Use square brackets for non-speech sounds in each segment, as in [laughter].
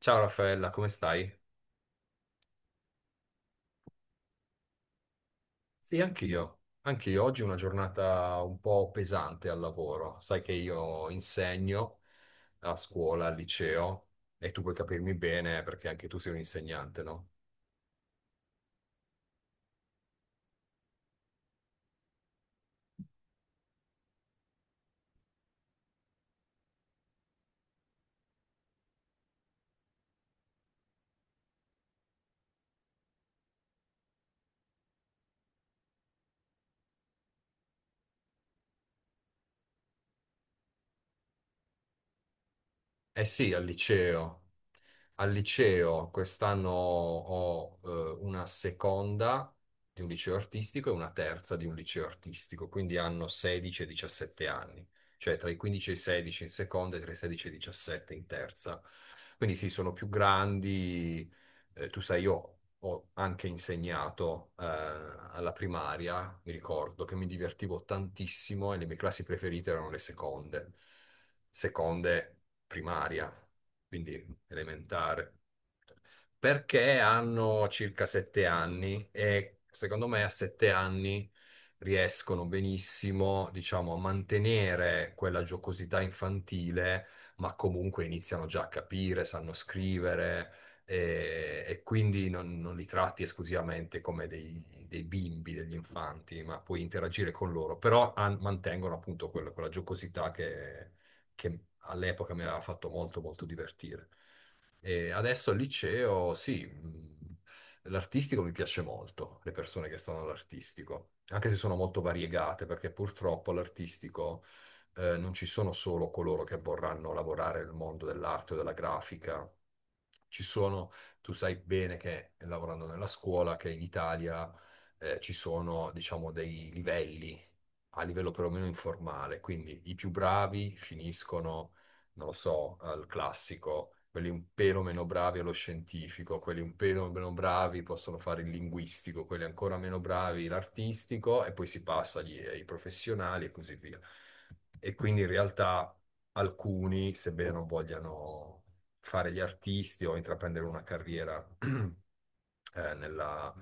Ciao Raffaella, come stai? Sì, anch'io. Anch'io oggi è una giornata un po' pesante al lavoro. Sai che io insegno a scuola, al liceo, e tu puoi capirmi bene perché anche tu sei un insegnante, no? Eh sì, al liceo. Al liceo quest'anno ho una seconda di un liceo artistico e una terza di un liceo artistico, quindi hanno 16 e 17 anni, cioè tra i 15 e i 16 in seconda e tra i 16 e i 17 in terza. Quindi sì, sono più grandi. Tu sai, io ho anche insegnato alla primaria, mi ricordo che mi divertivo tantissimo e le mie classi preferite erano le seconde, seconde primaria. Quindi elementare, perché hanno circa sette anni e secondo me a sette anni riescono benissimo, diciamo, a mantenere quella giocosità infantile, ma comunque iniziano già a capire, sanno scrivere. E quindi non li tratti esclusivamente come dei bimbi, degli infanti, ma puoi interagire con loro, però mantengono appunto quella giocosità che all'epoca mi aveva fatto molto, molto divertire. E adesso al liceo, sì, l'artistico mi piace molto, le persone che stanno all'artistico, anche se sono molto variegate, perché purtroppo all'artistico non ci sono solo coloro che vorranno lavorare nel mondo dell'arte o della grafica. Ci sono, tu sai bene che lavorando nella scuola, che in Italia ci sono, diciamo, dei livelli a livello perlomeno informale. Quindi i più bravi finiscono, non lo so, al classico, quelli un pelo meno bravi allo scientifico, quelli un pelo meno bravi possono fare il linguistico, quelli ancora meno bravi l'artistico e poi si passa ai professionali e così via. E quindi in realtà alcuni, sebbene non vogliano fare gli artisti o intraprendere una carriera eh, nella,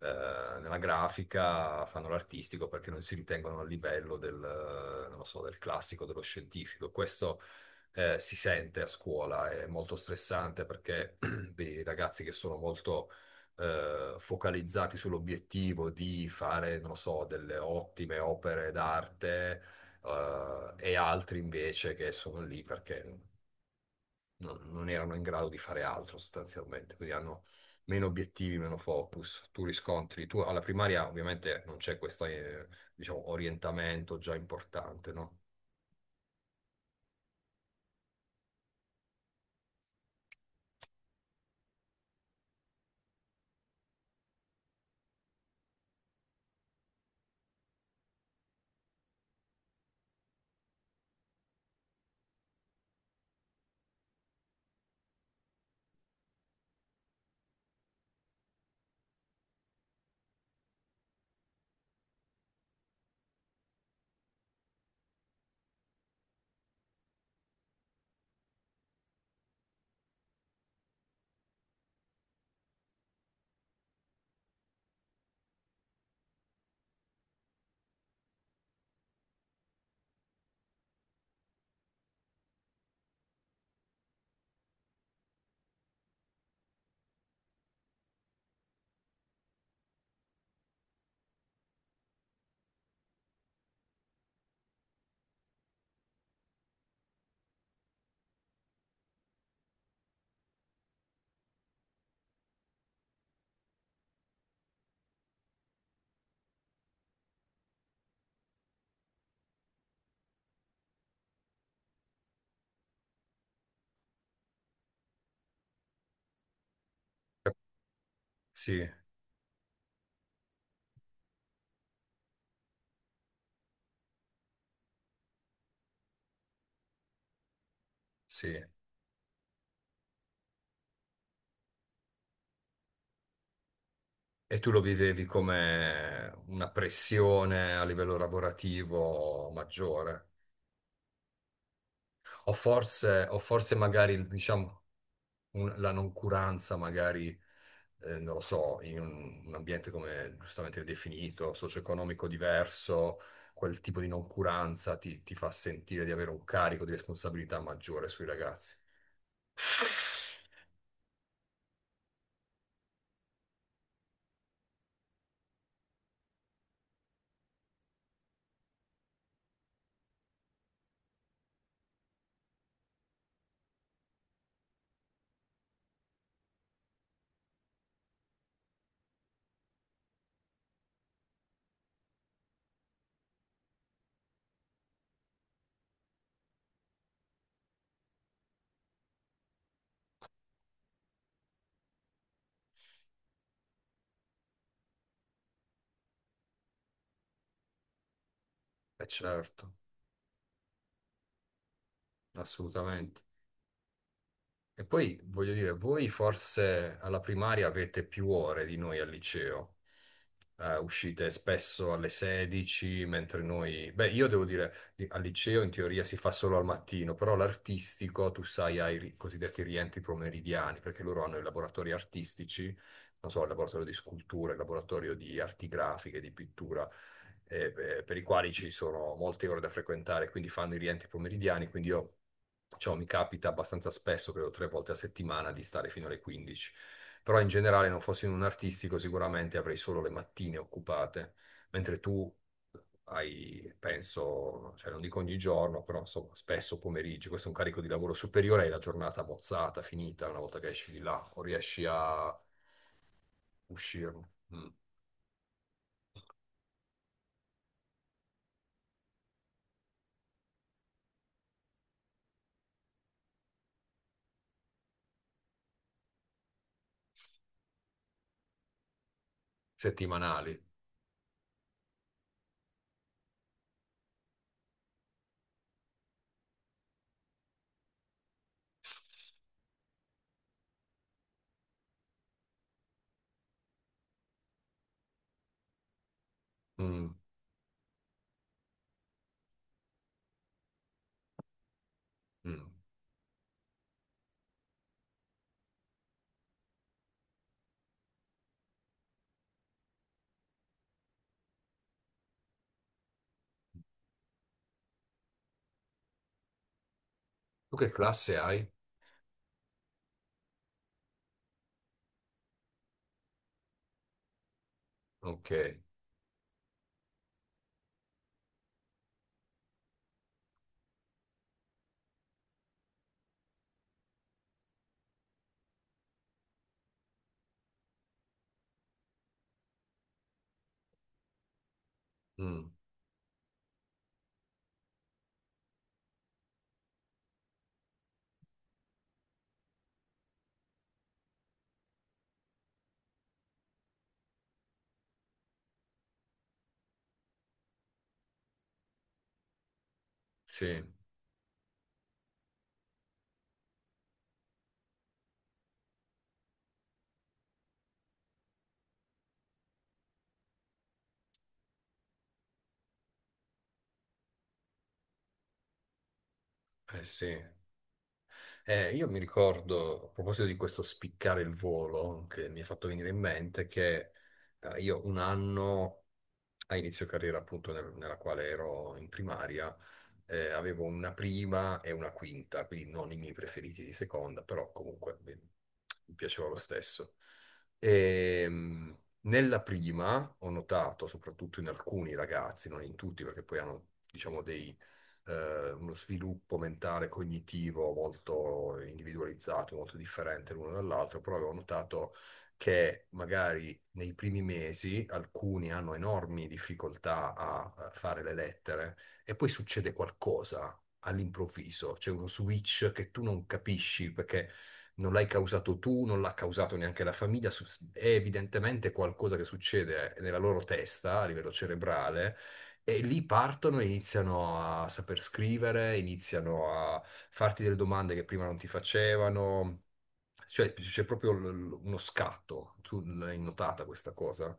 nella grafica fanno l'artistico perché non si ritengono a livello del, non lo so, del classico, dello scientifico. Questo si sente a scuola, è molto stressante perché [clears throat] dei ragazzi che sono molto focalizzati sull'obiettivo di fare, non lo so, delle ottime opere d'arte e altri invece che sono lì perché non erano in grado di fare altro sostanzialmente, quindi hanno meno obiettivi, meno focus, tu riscontri, tu alla primaria ovviamente non c'è questo, diciamo, orientamento già importante, no? Sì, sì. E tu lo vivevi come una pressione a livello lavorativo maggiore, o forse magari, diciamo, la noncuranza magari non lo so, in un ambiente come giustamente definito, socio-economico diverso, quel tipo di noncuranza ti fa sentire di avere un carico di responsabilità maggiore sui ragazzi. E certo, assolutamente. E poi voglio dire, voi forse alla primaria avete più ore di noi al liceo. Uscite spesso alle 16, mentre noi, beh, io devo dire, al liceo in teoria si fa solo al mattino, però l'artistico, tu sai, ha i cosiddetti rientri pomeridiani, perché loro hanno i laboratori artistici, non so, il laboratorio di scultura, il laboratorio di arti grafiche, di pittura, eh, per i quali ci sono molte ore da frequentare, quindi fanno i rientri pomeridiani, quindi io. Ciò mi capita abbastanza spesso, credo tre volte a settimana, di stare fino alle 15. Però in generale non fossi in un artistico sicuramente avrei solo le mattine occupate, mentre tu hai, penso, cioè non dico ogni giorno, però insomma spesso pomeriggi, questo è un carico di lavoro superiore, hai la giornata mozzata, finita una volta che esci di là o riesci a uscirne. Mm. Settimanali. Mm, mm. Tu che classe hai? Ok. Mm, sì, eh sì. Io mi ricordo, a proposito di questo spiccare il volo, che mi ha fatto venire in mente che io un anno a inizio carriera, appunto, nella quale ero in primaria, avevo una prima e una quinta, quindi non i miei preferiti di seconda, però comunque beh, mi piaceva lo stesso. Nella prima ho notato, soprattutto in alcuni ragazzi, non in tutti, perché poi hanno, diciamo, uno sviluppo mentale, cognitivo molto individualizzato, molto differente l'uno dall'altro, però avevo notato che magari nei primi mesi alcuni hanno enormi difficoltà a fare le lettere e poi succede qualcosa all'improvviso, c'è uno switch che tu non capisci perché non l'hai causato tu, non l'ha causato neanche la famiglia, è evidentemente qualcosa che succede nella loro testa a livello cerebrale. E lì partono e iniziano a saper scrivere, iniziano a farti delle domande che prima non ti facevano, cioè, c'è proprio uno scatto. Tu l'hai notata questa cosa?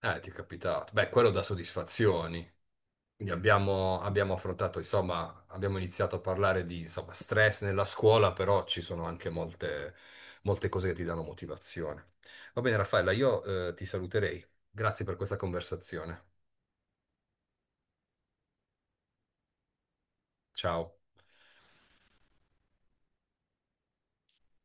Ti è capitato. Beh, quello dà soddisfazioni. Quindi abbiamo affrontato, insomma, abbiamo iniziato a parlare di, insomma, stress nella scuola, però ci sono anche molte, molte cose che ti danno motivazione. Va bene, Raffaella, io, ti saluterei. Grazie per questa conversazione. Ciao.